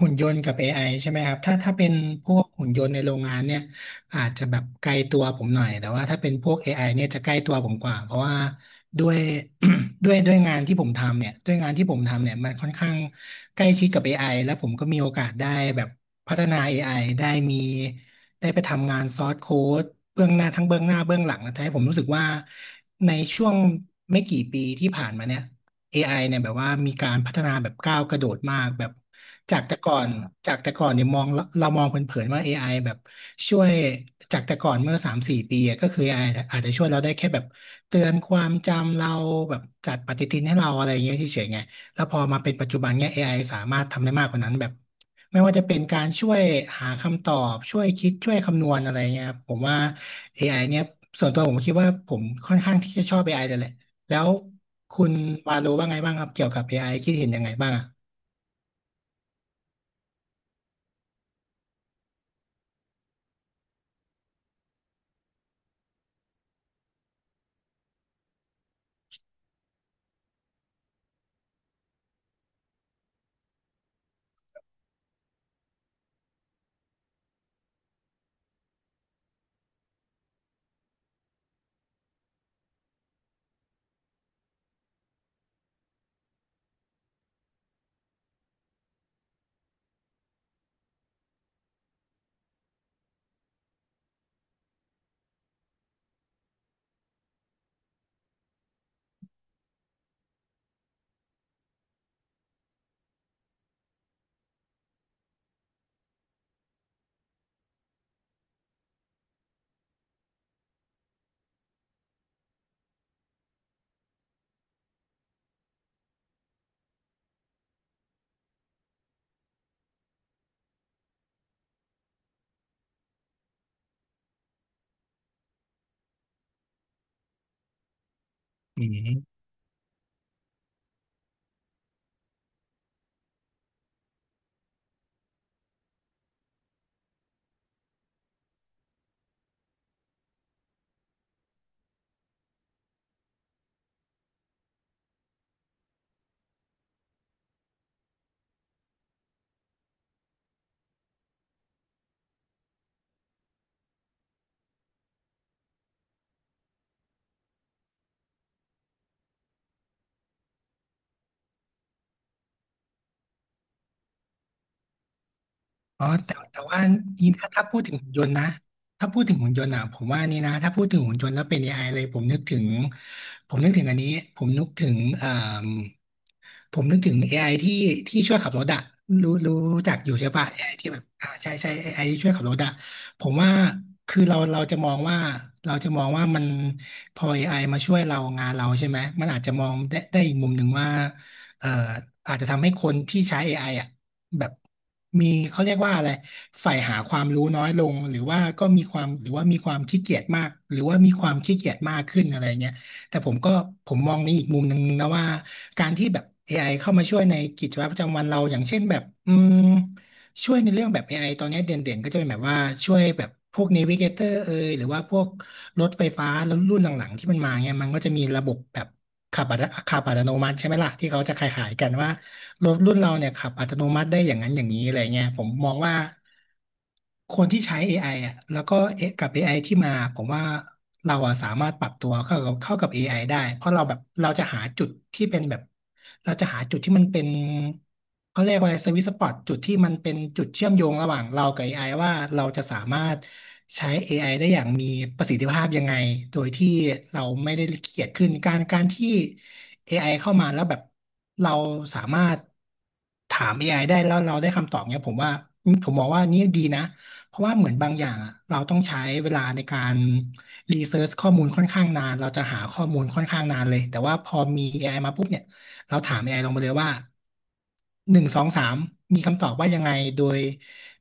หุ่นยนต์กับ AI ใช่ไหมครับถ้าเป็นพวกหุ่นยนต์ในโรงงานเนี่ยอาจจะแบบไกลตัวผมหน่อยแต่ว่าถ้าเป็นพวก AI เนี่ยจะใกล้ตัวผมกว่าเพราะว่าด้วย ด้วยงานที่ผมทำเนี่ยด้วยงานที่ผมทำเนี่ยมันค่อนข้างใกล้ชิดกับเอไอแล้วผมก็มีโอกาสได้แบบพัฒนา อไอได้มีได้ไปทำงานซอสโค้ดเบื้องหน้าทั้งเบื้องหน้าเบื้องหลังนะทำให้ผมรู้สึกว่าในช่วงไม่กี่ปีที่ผ่านมาเนี่ย AI เนี่ยแบบว่ามีการพัฒนาแบบก้าวกระโดดมากแบบจากแต่ก่อนจากแต่ก่อนเนี่ยมองเรามองเผินๆว่า AI แบบช่วยจากแต่ก่อนเมื่อสามสี่ปีอะก็คือ AI อไออาจจะช่วยเราได้แค่แบบเตือนความจำเราแบบจัดปฏิทินให้เราอะไรอย่างเงี้ยเฉยๆไงแล้วพอมาเป็นปัจจุบันเนี่ย AI สามารถทำได้มากกว่านั้นแบบไม่ว่าจะเป็นการช่วยหาคำตอบช่วยคิดช่วยคำนวณอะไรเงี้ยครับผมว่า AI เนี่ยส่วนตัวผมคิดว่าผมค่อนข้างที่จะชอบ AI เลยแหละ แล้วคุณวาโลว่าไงบ้างครับเกี่ยวกับ AI คิดเห็นยังไงบ้างอ่ะอืม อ๋อแต่ว่านี่ถ้าพูดถึงหุ่นยนต์นะถ้าพูดถึงหุ่นยนต์อ่ะผมว่านี่นะถ้าพูดถึงหุ่นยนต์แล้วเป็น อไอเลยผมนึกถึงผมนึกถึงอันนี้ผมนึกถึงเอ่มผมนึกถึงเอไอที่ช่วยขับรถอะรู้จักอยู่ใช่ปะ AI ที่แบบใช่ใช่ AI ที่ช่วยขับรถอะผมว่าคือเราจะมองว่าเราจะมองว่ามันพอ AI มาช่วยเรางานเราใช่ไหมมันอาจจะมองได้อีกมุมหนึ่งว่าเอ่ออาจจะทำให้คนที่ใช้ AI อไออ่ะ แบบมีเขาเรียกว่าอะไรใฝ่หาความรู้น้อยลงหรือว่าก็มีความหรือว่ามีความขี้เกียจมากหรือว่ามีความขี้เกียจมากขึ้นอะไรเงี้ยแต่ผมมองในอีกมุมหนึ่งนะว่าการที่แบบเอไอเข้ามาช่วยในกิจวัตรประจำวันเราอย่างเช่นแบบม ช่วยในเรื่องแบบ AI ตอนนี้เด่นๆก็จะเป็นแบบว่าช่วยแบบพวก Navigator เอยหรือว่าพวกรถไฟฟ้าแล้วรุ่นหลังๆที่มันมาเนี่ยมันก็จะมีระบบแบบขับอัตขับอัตโนมัติใช่ไหมล่ะที่เขาจะขายๆกันว่ารถรุ่นเราเนี่ยขับอัตโนมัติได้อย่างนั้นอย่างนี้อะไรเงี้ยผมมองว่า คนที่ใช้ AI อไออ่ะแล้วก็เอกับ AI ที่มาผมว่าเราอะสามารถปรับตัวเข้ากับ AI ไอได้ เพราะเราแบบเราจะหาจุดที่เป็นแบบเราจะหาจุดที่มันเป็นเขาเรียกว่าสวิตสปอตจุดที่มันเป็นจุดเชื่อมโยงระหว่างเรากับ AI ว่าเราจะสามารถใช้ AI ไอได้อย่างมีประสิทธิภาพยังไงโดยที่เราไม่ได้เกียจขึ้นการที่ AI เข้ามาแล้วแบบเราสามารถถาม AI ไอได้แล้วเราได้คำตอบเนี่ยผมว่าผมมองว่านี่ดีนะเพราะว่าเหมือนบางอย่างอะเราต้องใช้เวลาในการรีเสิร์ชข้อมูลค่อนข้างนานเราจะหาข้อมูลค่อนข้างนานเลยแต่ว่าพอมี AI มาปุ๊บเนี่ยเราถาม AI ลงมาเลยว่าหนึ่งสองสามมีคำตอบว่ายังไงโดย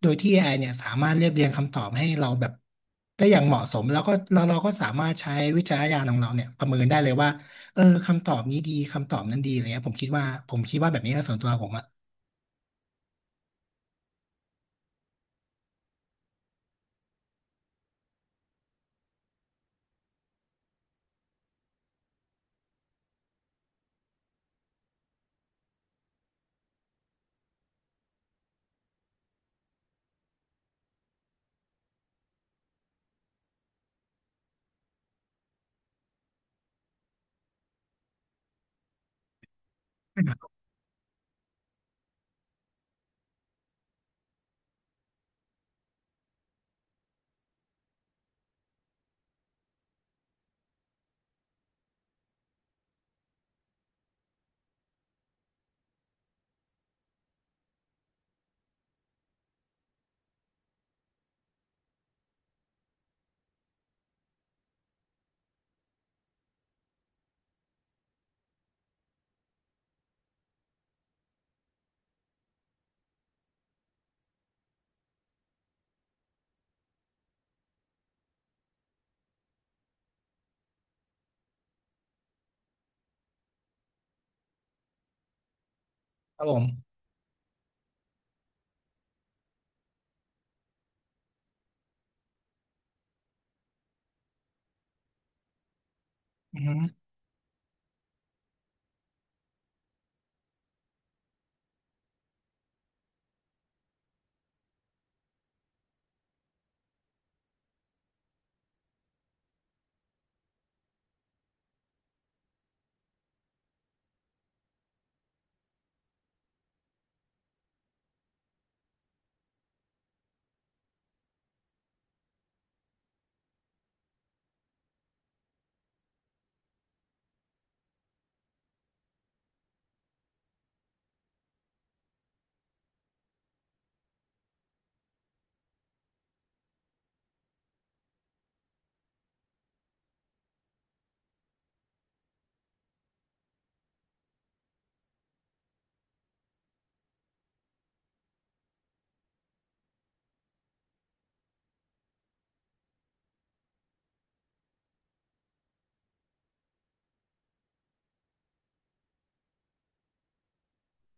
โดยที่ AI เนี่ยสามารถเรียบเรียงคำตอบให้เราแบบได้อย่างเหมาะสมแล้วก็เราก็สามารถใช้วิจารณญาณของเราเนี่ยประเมินได้เลยว่า เออคำตอบนี้ดีคำตอบนั้นดีอะไรเงี้ยผมคิดว่าแบบนี้นะส่วนตัวผมอะครับผมอือ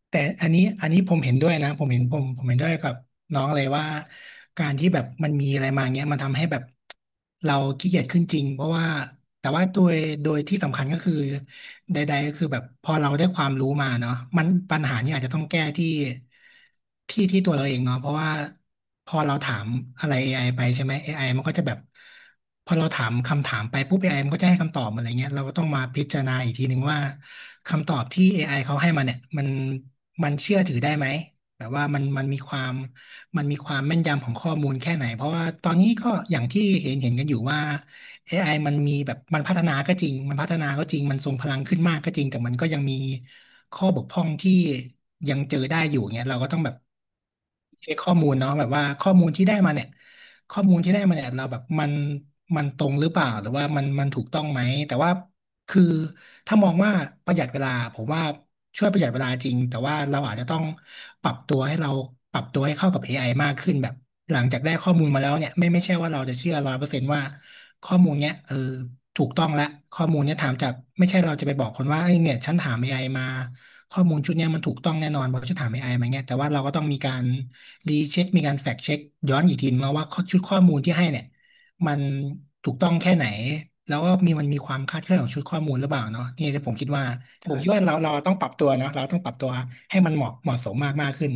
แต่อันนี้ผมเห็นด้วยนะผมเห็นด้วยกับน้องเลยว่าการที่แบบมันมีอะไรมาเงี้ยมันทำให้แบบเราขี้เกียจขึ้นจริงเพราะว่าแต่ว่าโดยที่สำคัญก็คือใดๆก็คือแบบพอเราได้ความรู้มาเนาะมันปัญหาเนี่ยอาจจะต้องแก้ที่ตัวเราเองเนาะเพราะว่าพอเราถามอะไร AI ไอไปใช่ไหม AI มันก็จะแบบพอเราถามคำถามไปปุ๊บ AI มันก็จะให้คำตอบมาอะไรเงี้ยเราก็ต้องมาพิจารณาอีกทีหนึงว่า คำตอบที่ AI เขาให้มาเนี่ยมันเชื่อถือได้ไหมแบบว่ามันมันมีความมันมีความแม่นยำของข้อมูลแค่ไหนเพราะว่าตอนนี้ก็อย่างที่เห็นกันอยู่ว่า AI มันมีแบบมันพัฒนาก็จริงมันทรงพลังขึ้นมากก็จริงแต่มันก็ยังมีข้อบกพร่องที่ยังเจอได้อยู่เงี้ยเราก็ต้องแบบเช็คข้อมูลเนาะแบบว่าข้อมูลที่ได้มาเนี่ยข้อมูลที่ได้มาเนี่ยเราแบบมันตรงหรือเปล่าหรือว่ามันถูกต้องไหมแต่ว่า คือถ้ามองว่าประหยัดเวลาผมว่าช่วยประหยัดเวลาจริงแต่ว่าเราอาจจะต้องปรับตัวให้เราปรับตัวให้เข้ากับเอไอมากขึ้นแบบหลังจากได้ข้อมูลมาแล้วเนี่ยไม่ใช่ว่าเราจะเชื่อ100%ว่าข้อมูลเนี้ยเออถูกต้องละข้อมูลเนี้ยถามจากไม่ใช่เราจะไปบอกคนว่าไอ้ยเนี่ยฉันถามเอไอมาข้อมูลชุดเนี้ยมันถูกต้องแน่นอนเพราะฉันถามเอไอมาเนี่ยแต่ว่าเราก็ต้องมีการรีเช็คมีการแฟกเช็คย้อนอีกทีนึงแล้วว่าข้อชุดข้อมูลที่ให้เนี่ย มันถูกต้องแค่ไหนแล้วก็มีมันมีความคลาดเคลื่อนของชุดข้อมูลหรือเปล่าเนาะนี่ที่ผมคิดว่าแต่ผมคิดว่าเราต้องปรับตัวนะเราต้องปรับตัวให้มันเหมาะสมมากมากขึ้น